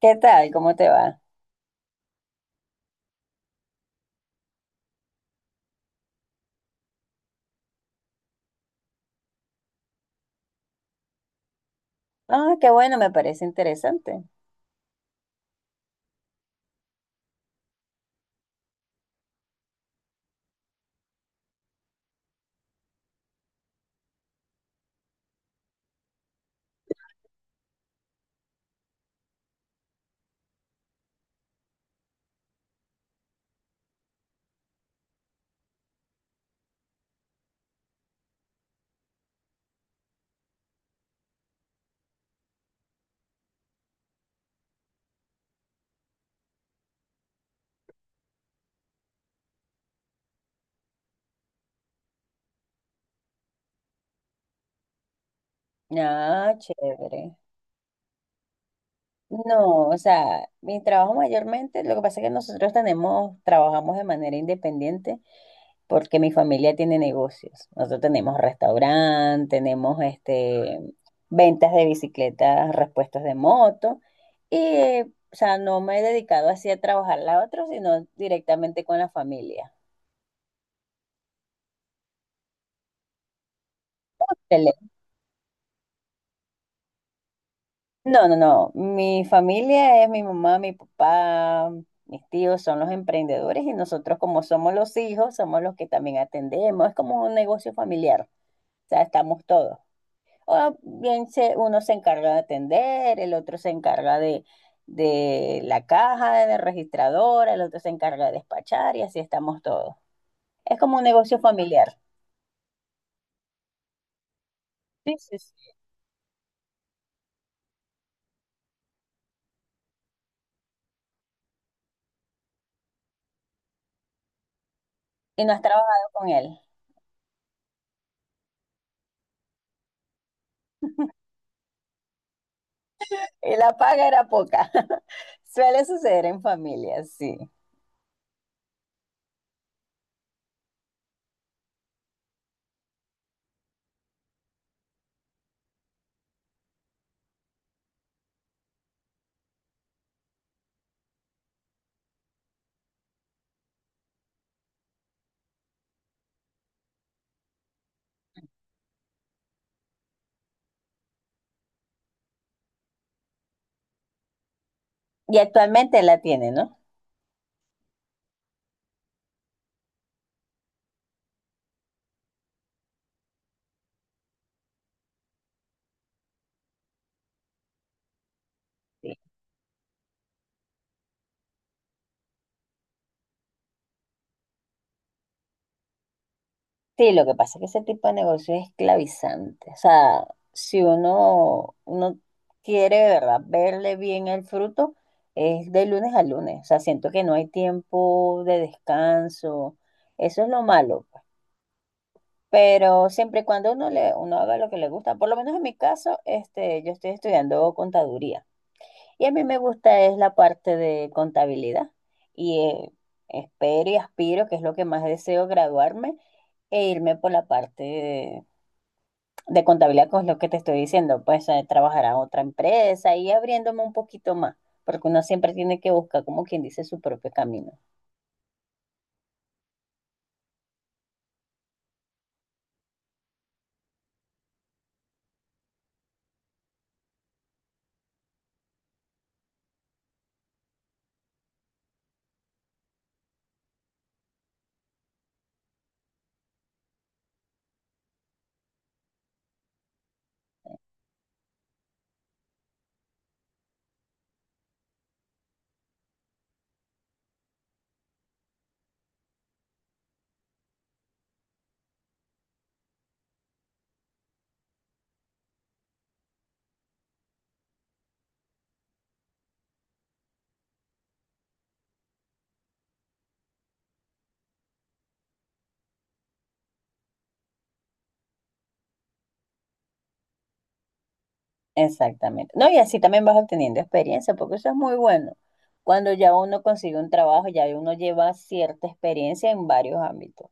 ¿Qué tal? ¿Cómo te va? Ah, qué bueno, me parece interesante. Ah, chévere. No, o sea, mi trabajo mayormente, lo que pasa es que nosotros tenemos, trabajamos de manera independiente porque mi familia tiene negocios. Nosotros tenemos restaurante, tenemos este ventas de bicicletas, repuestos de moto y, o sea, no me he dedicado así a trabajar la otra, sino directamente con la familia. No, no, no. Mi familia es mi mamá, mi papá, mis tíos son los emprendedores y nosotros como somos los hijos, somos los que también atendemos. Es como un negocio familiar. O sea, estamos todos. O bien se, uno se encarga de atender, el otro se encarga de la caja, de la registradora, el otro se encarga de despachar y así estamos todos. Es como un negocio familiar. Sí, sí, sí. ¿Y no has trabajado con él? Y la paga era poca. Suele suceder en familias, sí. Y actualmente la tiene, ¿no? Sí. Sí, lo que pasa es que ese tipo de negocio es esclavizante. O sea, si uno, uno quiere de verdad verle bien el fruto, es de lunes a lunes. O sea, siento que no hay tiempo de descanso. Eso es lo malo, pues. Pero siempre y cuando uno le, uno haga lo que le gusta, por lo menos en mi caso, este, yo estoy estudiando contaduría. Y a mí me gusta es la parte de contabilidad. Y espero y aspiro, que es lo que más deseo, graduarme e irme por la parte de contabilidad. Con lo que te estoy diciendo, pues trabajar a otra empresa y abriéndome un poquito más, porque uno siempre tiene que buscar, como quien dice, su propio camino. Exactamente. No, y así también vas obteniendo experiencia, porque eso es muy bueno. Cuando ya uno consigue un trabajo, ya uno lleva cierta experiencia en varios ámbitos.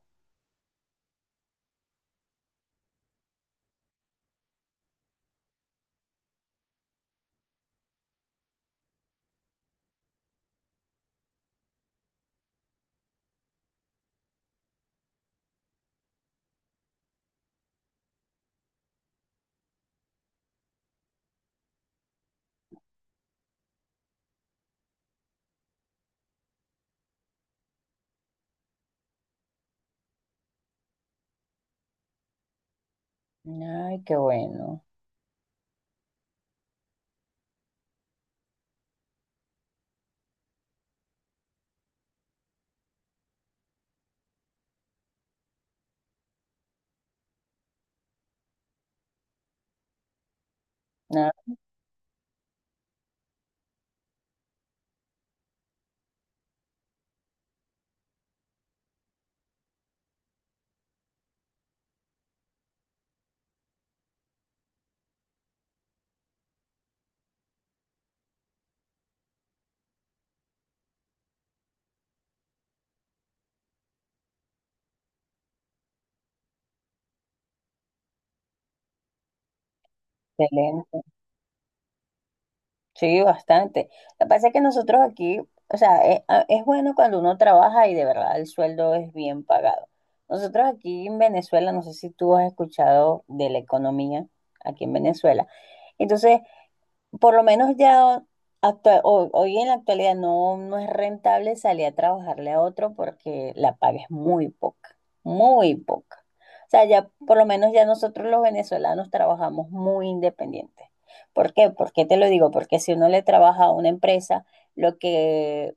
Ay, qué bueno. Ah, excelente. Sí, bastante. Lo que pasa es que nosotros aquí, o sea, es, bueno, cuando uno trabaja y de verdad el sueldo es bien pagado. Nosotros aquí en Venezuela, no sé si tú has escuchado de la economía aquí en Venezuela. Entonces, por lo menos ya hoy en la actualidad no, no es rentable salir a trabajarle a otro porque la paga es muy poca, muy poca. O sea, ya por lo menos ya nosotros los venezolanos trabajamos muy independientes. ¿Por qué? ¿Por qué te lo digo? Porque si uno le trabaja a una empresa, lo que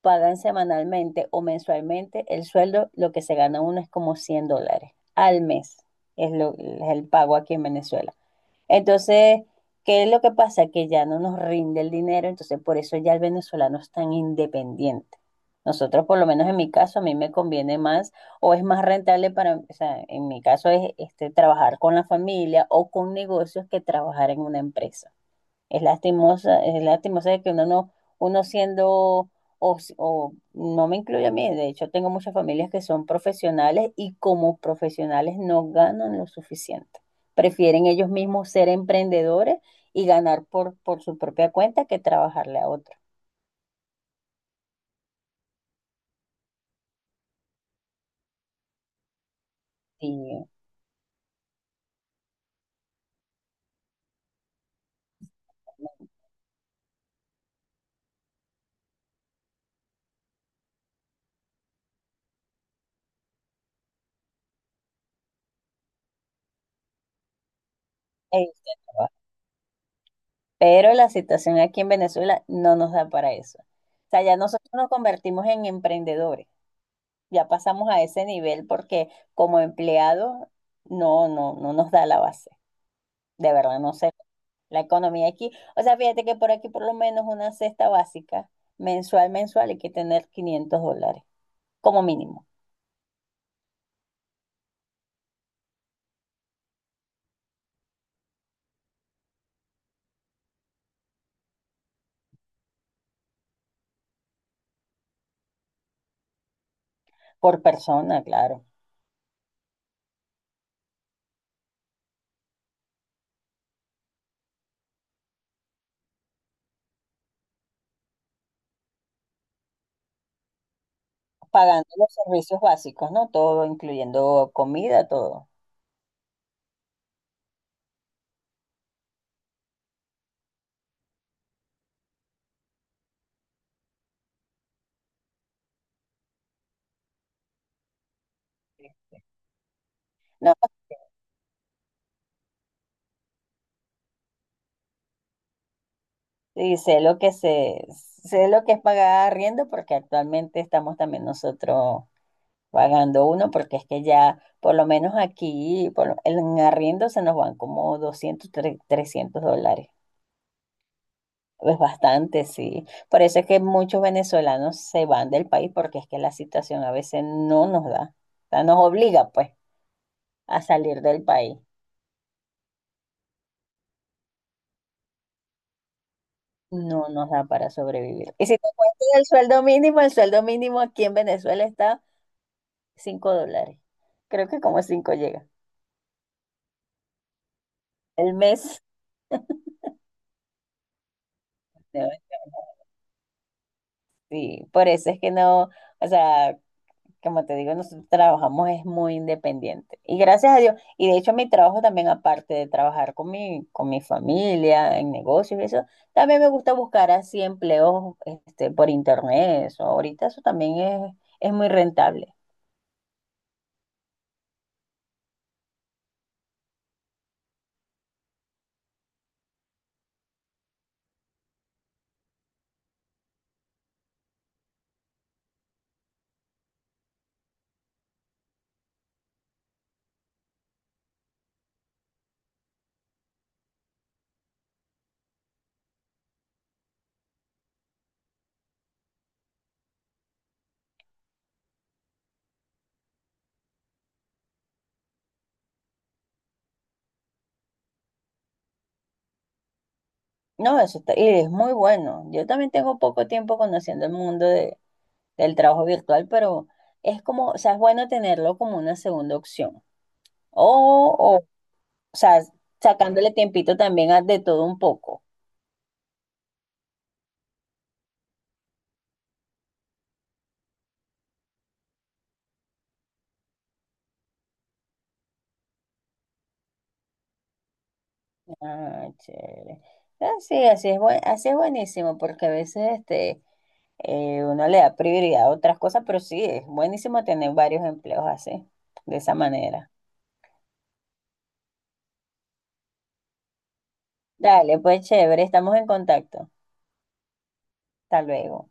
pagan semanalmente o mensualmente, el sueldo, lo que se gana uno es como $100 al mes. Es, lo, es el pago aquí en Venezuela. Entonces, ¿qué es lo que pasa? Que ya no nos rinde el dinero, entonces por eso ya el venezolano es tan independiente. Nosotros, por lo menos en mi caso, a mí me conviene más o es más rentable para, o sea, en mi caso es este, trabajar con la familia o con negocios que trabajar en una empresa. Es lastimosa de que uno no, uno siendo, o no me incluye a mí, de hecho tengo muchas familias que son profesionales y como profesionales no ganan lo suficiente. Prefieren ellos mismos ser emprendedores y ganar por su propia cuenta que trabajarle a otro. Y, eh, pero la situación aquí en Venezuela no nos da para eso. O sea, ya nosotros nos convertimos en emprendedores. Ya pasamos a ese nivel porque como empleado no, no, no nos da la base. De verdad, no sé. La economía aquí, o sea, fíjate que por aquí por lo menos una cesta básica mensual, mensual, hay que tener $500 como mínimo, por persona, claro, pagando los servicios básicos, ¿no? Todo, incluyendo comida, todo. No, y sé lo que se, sé lo que es pagar arriendo porque actualmente estamos también nosotros pagando uno, porque es que ya, por lo menos aquí, por, en arriendo se nos van como 200 300 dólares. Es bastante, sí. Por eso es que muchos venezolanos se van del país, porque es que la situación a veces no nos da, o sea, nos obliga, pues, a salir del país. No nos da para sobrevivir. Y si te cuento el sueldo mínimo aquí en Venezuela está $5. Creo que como 5 llega. El mes, ¿no? Sí, por eso es que no, o sea, como te digo, nosotros trabajamos es muy independiente. Y gracias a Dios, y de hecho mi trabajo también, aparte de trabajar con mi familia, en negocios y eso, también me gusta buscar así empleos este, por internet. Eso. Ahorita eso también es muy rentable. No, eso está, y es muy bueno. Yo también tengo poco tiempo conociendo el mundo del trabajo virtual, pero es como, o sea, es bueno tenerlo como una segunda opción. O sea, sacándole tiempito también a de todo un poco. Ah, chévere. Ah, sí, así es, así es buenísimo, porque a veces este, uno le da prioridad a otras cosas, pero sí, es buenísimo tener varios empleos así, de esa manera. Dale, pues chévere, estamos en contacto. Hasta luego.